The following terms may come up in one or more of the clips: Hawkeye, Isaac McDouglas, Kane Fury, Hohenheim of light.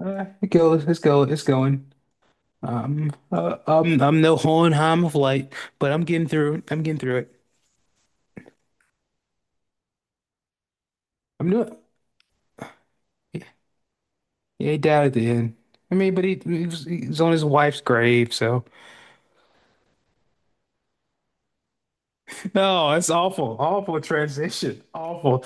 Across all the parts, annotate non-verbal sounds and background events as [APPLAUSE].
It goes, it's go, it's going. I'm no Hohenheim of light, but I'm getting through it. I'm doing. Yeah, he died at the end. I mean, but he was on his wife's grave, so. No, it's awful. Awful transition. Awful.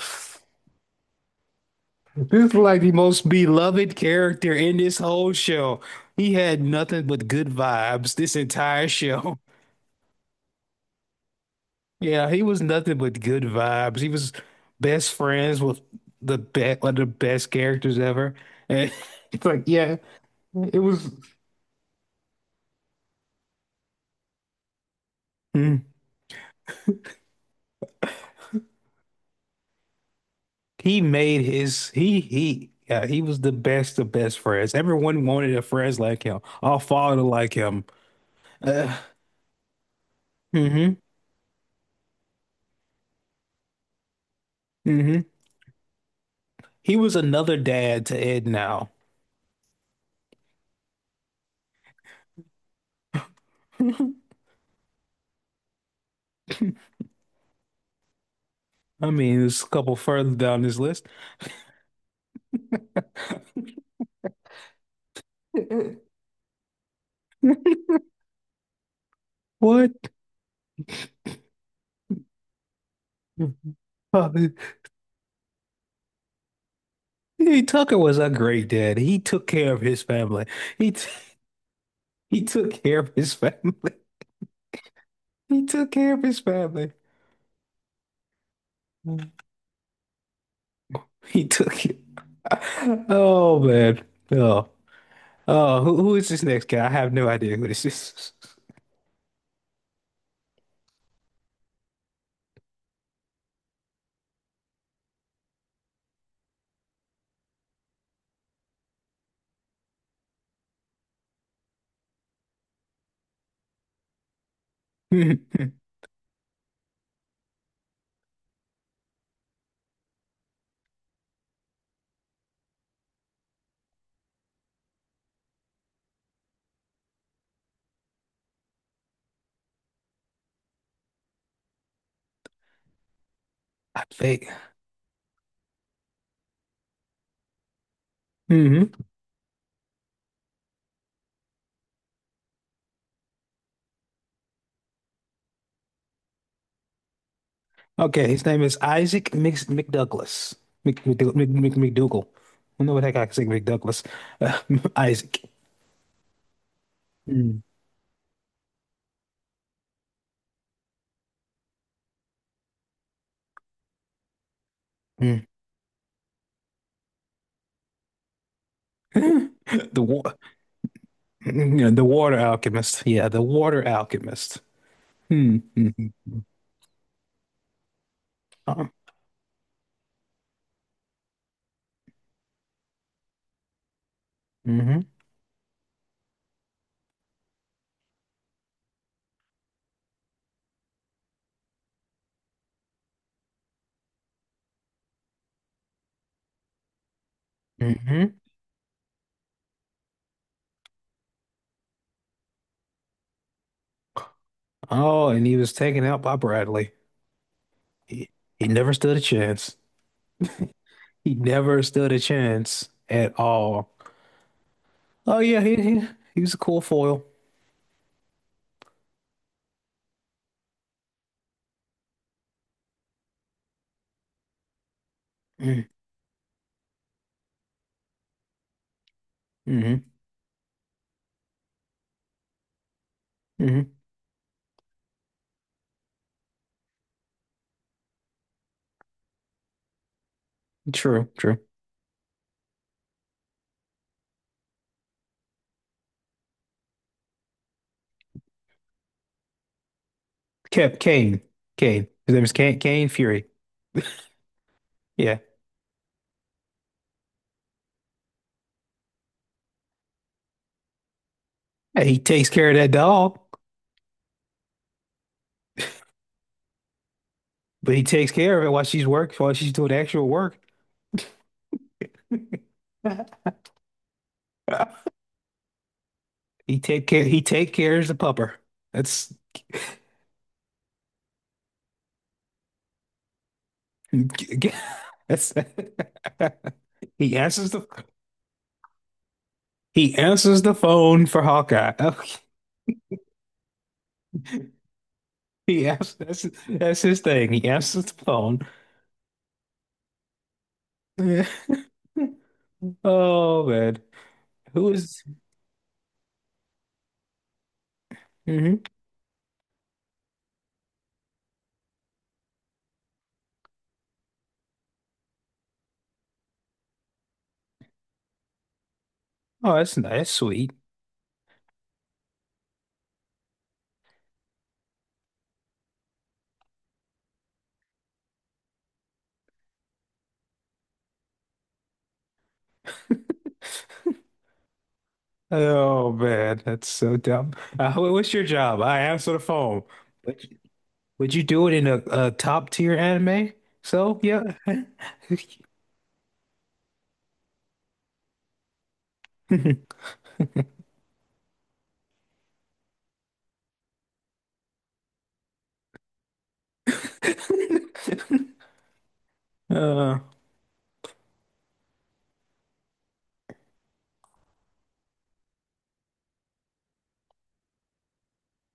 This is like the most beloved character in this whole show. He had nothing but good vibes this entire show. Yeah, he was nothing but good vibes. He was best friends with the best, one of the best characters ever. And [LAUGHS] it's like, yeah, it was. mm. He made his he yeah, he was the best of best friends. Everyone wanted a friends like him. All father like him. Uh, hmm hmm. He was another dad to Ed now. [LAUGHS] I mean, there's a couple further down this list. [LAUGHS] What? [LAUGHS] Hey, Tucker was a great dad. He took care of his family. He t [LAUGHS] he took care of his family. [LAUGHS] He took care of his family. [LAUGHS] Mm. He took [LAUGHS] oh man. Oh. Oh, who is this next guy? I have no idea who this is. [LAUGHS] I think. Hmm. Okay, his name is Isaac Mc McDouglas. Mc, McDou- Mc, Mc, McDougal. I don't know what the heck I can say McDouglas. Uh, [LAUGHS] Isaac. Mm. Mm. [LAUGHS] The one. Yeah, the water alchemist. Yeah, the water alchemist. Hmm. Mhm. Uh, hmm hmm. Oh, and he was taken out by Bradley. He, he never stood a chance. He never stood a chance at all. Oh yeah, he was a cool foil. Mm-hmm. Hmm. True, true. Kept Kane. Kane. His name is Kane Fury. Yeah. Hey, he takes care of that dog, but he takes care of it while she's work while she's doing actual work. [LAUGHS] He take care. He take cares the pupper. That's [LAUGHS] that's. [LAUGHS] He answers the he answers the phone for Hawkeye. [LAUGHS] Okay. He answers, that's his thing. He answers the phone. Yeah. [LAUGHS] Oh man, who is- mhm. Oh, that's nice, that's sweet. [LAUGHS] Oh man, that's so dumb. What's your job? I answer the phone. Would you, would you do it in a top tier anime? So yeah. [LAUGHS] [LAUGHS] Uh,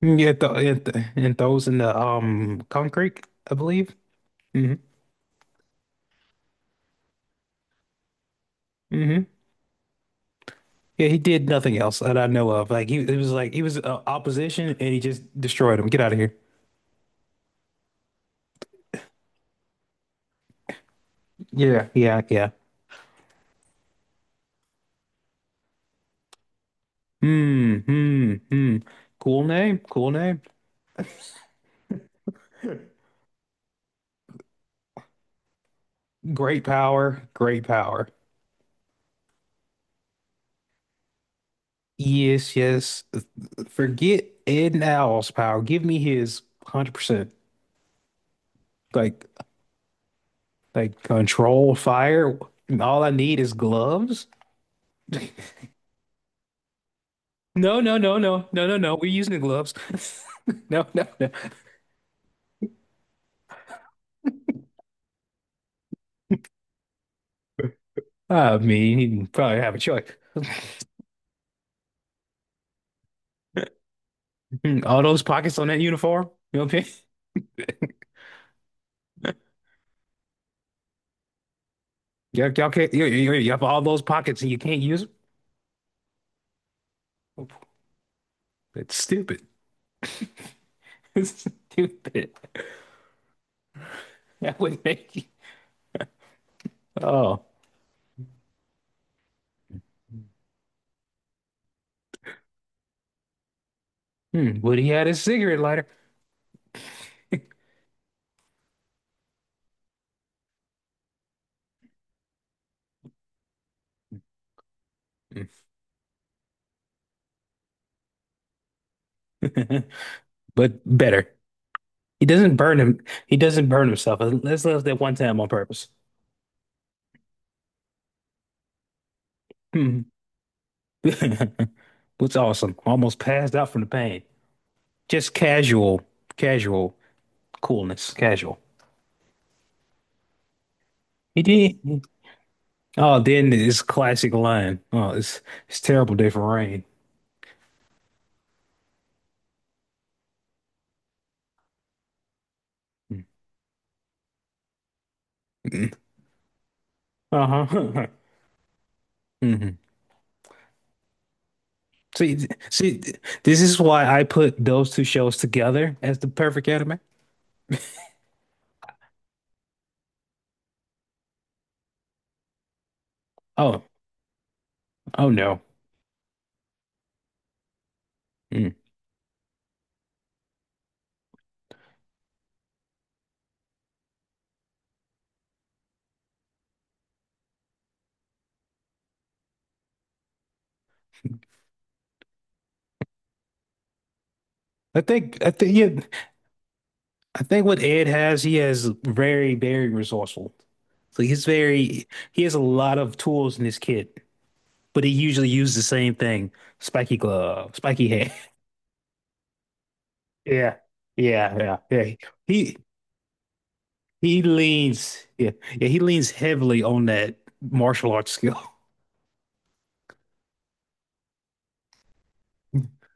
yeah, th and, those in the concrete, I believe. Hmm. Hmm. Yeah, he did nothing else that I know of. Like he, it was like he was opposition, and he just destroyed him. Get out of here. Yeah, yeah, yeah. Hmm, hmm, hmm. Cool name, cool name. Great power, great power. Yes, yes. Forget Ed Owl's power. Give me his 100%. Like Like control fire. And all I need is gloves. [LAUGHS] No, no, no, no, no, no, no. We're using the gloves. [LAUGHS] No, no, no. I mean, he probably have a choice. [LAUGHS] All those pockets on that uniform. You know what I mean? [LAUGHS] Y'all, y'all can't. You have all those pockets and you can't use them. It's stupid. [LAUGHS] It's stupid. That would make you. Oh, hmm. Would he had his cigarette lighter? [LAUGHS] But better. He doesn't burn him. He doesn't burn himself. Let's live that one time on purpose. Hmm. [LAUGHS] What's awesome. Almost passed out from the pain. Just casual, casual coolness. Casual. He did. Oh, then this classic line. Oh, it's terrible day for rain. Hmm. Uh-huh. [LAUGHS] Hmm. See, th- see, th- this is why I put those two shows together as the perfect anime. Oh, oh no. Mm. I think, yeah, I think what Ed has, he has very, very resourceful. So he's very, he has a lot of tools in his kit, but he usually uses the same thing: spiky glove, spiky hand. [LAUGHS] Yeah, yeah, yeah, yeah. He he leans, yeah, yeah. He leans heavily on that martial arts skill. [LAUGHS]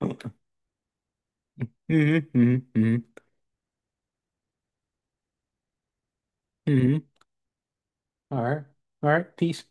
Mm-hmm, mm-hmm, mm-hmm. All right, all right. Peace.